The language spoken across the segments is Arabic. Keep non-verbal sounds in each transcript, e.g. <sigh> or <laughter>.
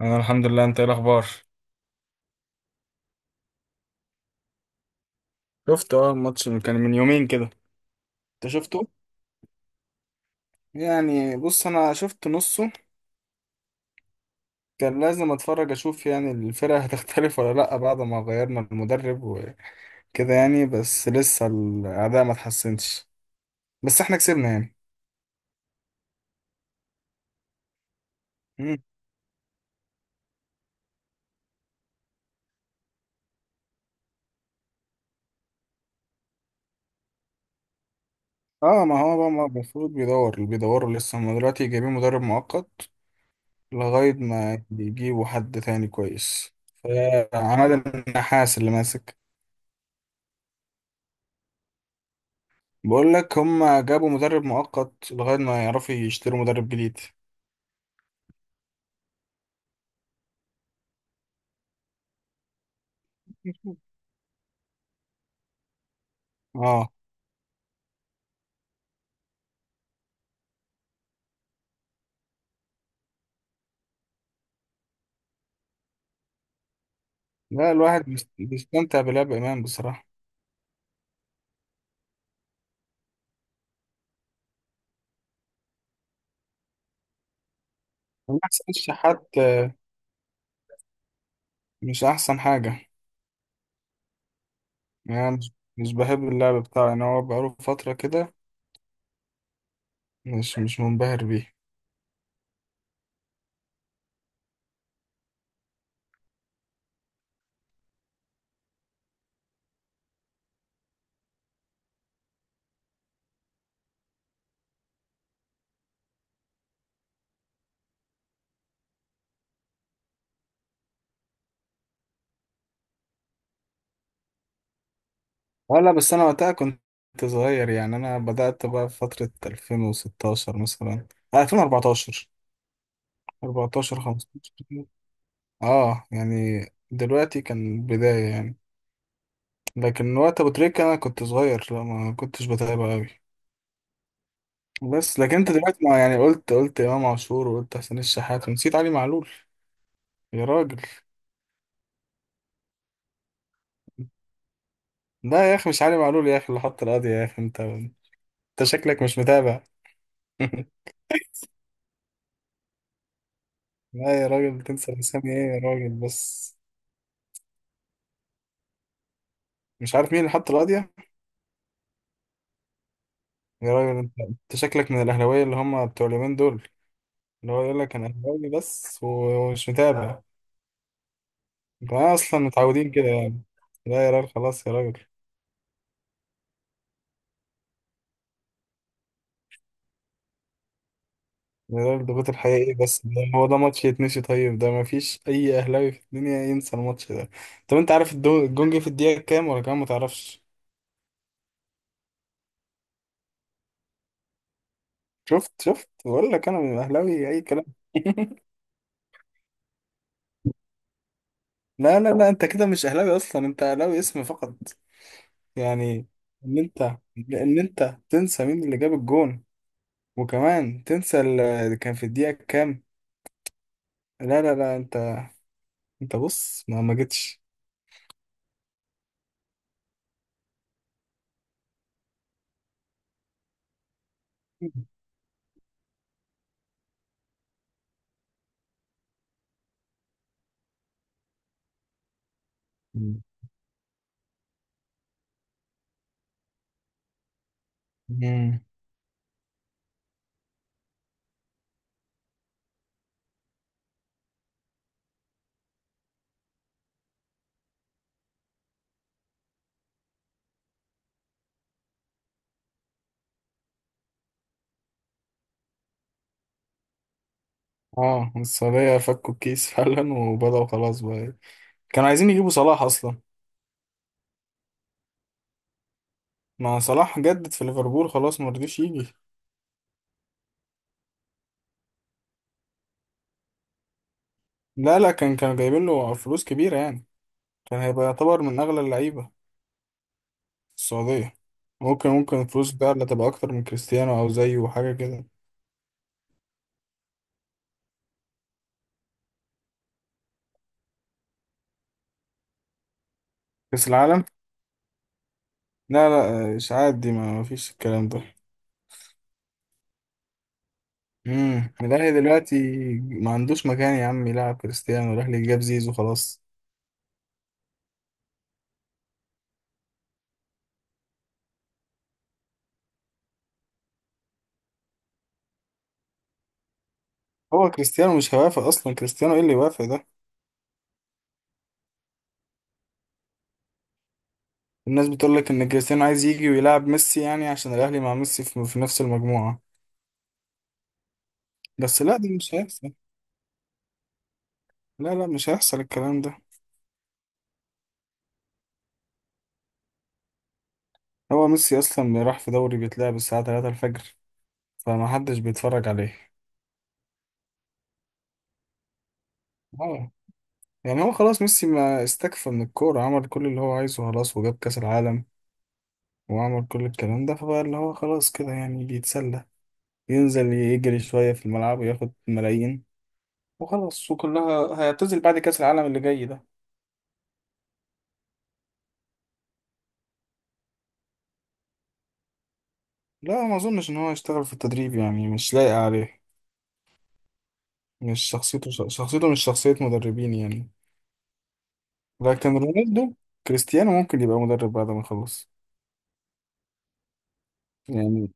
انا الحمد لله. انت ايه الاخبار؟ شفت، الماتش اللي كان من يومين كده. انت شفته؟ يعني بص انا شفت نصه. كان لازم اتفرج اشوف يعني الفرقة <laughs> هتختلف ولا لا بعد ما غيرنا المدرب وكده. يعني بس لسه الاداء ما اتحسنش. بس احنا كسبنا يعني. مم. اه، ما هو بقى ما المفروض بيدور اللي بيدوروا لسه، هم دلوقتي جايبين مدرب مؤقت لغاية ما يجيبوا حد تاني كويس. فعماد النحاس اللي ماسك. بقول لك هم جابوا مدرب مؤقت لغاية ما يعرفوا يشتروا مدرب جديد. اه. لا الواحد بيستمتع بلعب إمام بصراحة. ما أحسنش حتى؟ مش أحسن حاجة؟ يعني مش بحب اللعب بتاعه يعني، هو بقاله فترة كده. مش منبهر بيه. ولا بس أنا وقتها كنت صغير، يعني أنا بدأت بقى في فترة 2016 مثلا، 2014، 14، 15. اه يعني دلوقتي كان بداية يعني، لكن وقت ابو تريكة انا كنت صغير، لا ما كنتش بتابع قوي. بس لكن انت دلوقتي ما يعني، قلت امام عاشور وقلت حسين الشحات ونسيت علي معلول. يا راجل. لا يا اخي مش علي معلول يا اخي، اللي حط القضية يا اخي انت شكلك مش متابع. <laughs> لا يا راجل، تنسى الاسامي ايه يا راجل، بس. مش عارف مين اللي حط القضية. يا راجل انت شكلك من الاهلاويه اللي هم بتوع اليومين دول، اللي هو يقول لك انا اهلاوي بس ومش متابع. انا اصلا متعودين كده يعني. لا يا راجل خلاص يا راجل. ده الضغوط الحقيقي، بس ده هو، ده ماتش يتنسي؟ طيب ده مفيش أي أهلاوي في الدنيا ينسى الماتش ده. طب أنت عارف الجون جه في الدقيقة كام ولا كام؟ متعرفش. شفت، بقول لك أنا أهلاوي أي كلام. <laughs> لا لا لا، أنت كده مش أهلاوي أصلا، أنت أهلاوي اسم فقط. يعني، إن أنت إن أنت تنسى مين اللي جاب الجون وكمان تنسى اللي كان في الدقيقة كام؟ لا لا لا أنت، أنت بص ما جيتش. <laughs> اه، السعودية فكوا الكيس فعلا وبدأوا خلاص بقى إيه. كانوا عايزين يجيبوا صلاح أصلا. ما صلاح جدد في ليفربول خلاص، ما رضيش يجي. لا لا، كانوا جايبين له فلوس كبيرة يعني. كان هيبقى يعتبر من أغلى اللعيبة السعودية. ممكن الفلوس بقى اللي تبقى أكتر من كريستيانو أو زيه وحاجة كده. كأس العالم. لا لا إشاعات دي، ما فيش الكلام ده. الأهلي دلوقتي ما عندوش مكان يا عم يلعب كريستيانو، الأهلي جاب زيزو خلاص. هو كريستيانو مش هيوافق أصلا، كريستيانو إيه اللي يوافق ده. الناس بتقول لك ان كريستيانو عايز يجي ويلعب ميسي، يعني عشان الاهلي مع ميسي في نفس المجموعة. بس لا ده مش هيحصل. لا لا، مش هيحصل الكلام ده. هو ميسي اصلا راح في دوري بيتلعب الساعة 3 الفجر، فما حدش بيتفرج عليه. اه يعني هو خلاص، ميسي ما استكفى من الكورة، عمل كل اللي هو عايزه خلاص، وجاب كأس العالم وعمل كل الكلام ده، فبقى اللي هو خلاص كده يعني بيتسلى، ينزل يجري شوية في الملعب وياخد ملايين، وخلاص، وكلها هيعتزل بعد كأس العالم اللي جاي ده. لا ما اظنش ان هو يشتغل في التدريب يعني، مش لايق عليه، مش شخصيته مش شخصية مدربين يعني. لكن رونالدو، كريستيانو، ممكن يبقى مدرب بعد ما يخلص يعني.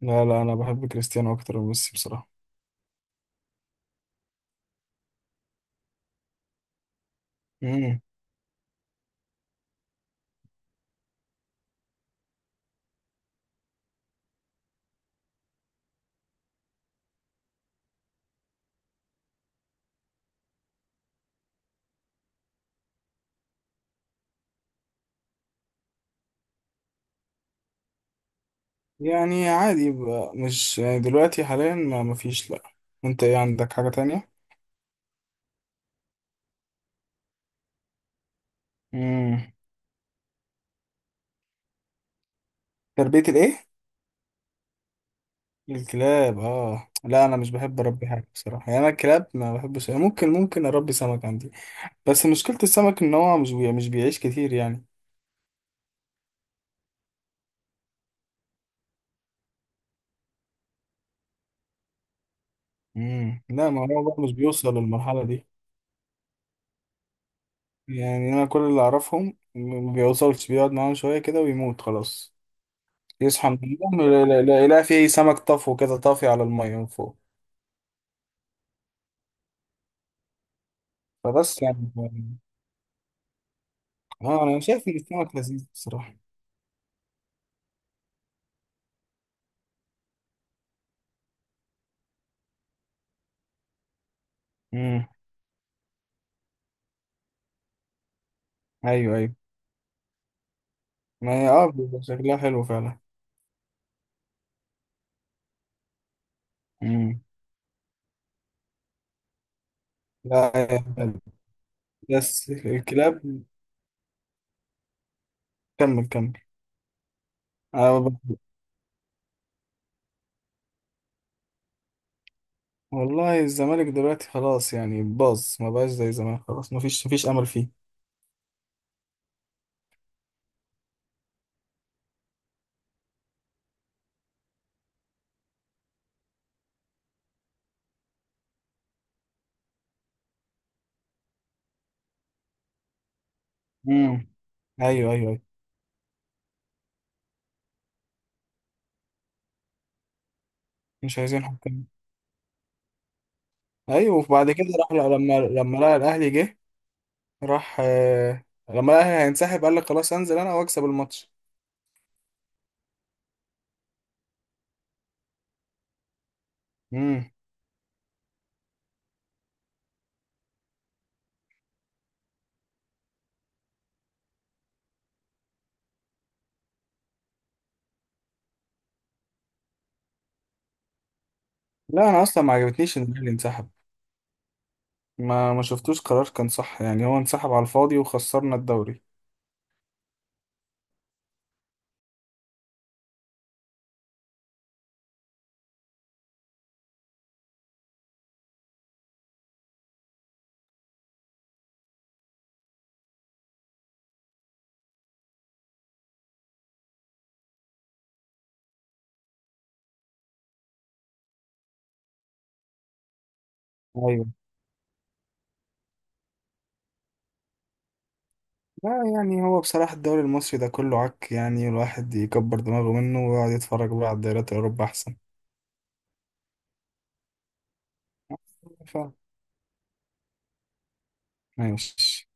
لا لا انا بحب كريستيانو اكتر من ميسي بصراحة. امم يعني عادي يبقى مش، يعني دلوقتي حاليا ما مفيش، لا. انت ايه عندك حاجة تانية؟ امم تربية الايه؟ الكلاب؟ اه لا انا مش بحب اربي حاجة بصراحة يعني، انا الكلاب ما بحبش يعني. ممكن اربي سمك عندي. بس مشكلة السمك ان هو مش بيعيش كتير يعني. مم. لا، ما هو بقى مش بيوصل للمرحلة دي. يعني أنا كل اللي أعرفهم ما بيوصلش، بيقعد معاهم شوية كده ويموت خلاص. يصحى من النوم يلاقي فيه سمك طفو كده طافي على المية من فوق. فبس يعني. اه أنا شايف إن السمك لذيذ بصراحة. مم. أيوه أيوه. ما هي بيبقى شكلها حلو فعلا. مم. لا، آه، بس الكلاب. كمل كمل. أنا ب- والله الزمالك دلوقتي خلاص يعني باظ، ما بقاش زي زمان خلاص، ما فيش أمل فيه. امم ايوه ايوه ايوه، مش عايزين حكام. ايوه وبعد كده، راح، لما لقى الاهلي جه، راح، لما لقى الاهلي هينسحب قال لك خلاص انزل انا واكسب الماتش. امم لا انا اصلا ما عجبتنيش ان الاهلي انسحب، ما شفتوش قرار كان صح يعني، هو انسحب على الفاضي وخسرنا الدوري. ايوه. لا يعني هو بصراحة الدوري المصري ده كله عك يعني، الواحد يكبر دماغه منه ويقعد يتفرج بقى على الدوريات الاوروبا احسن. ف- ماشي.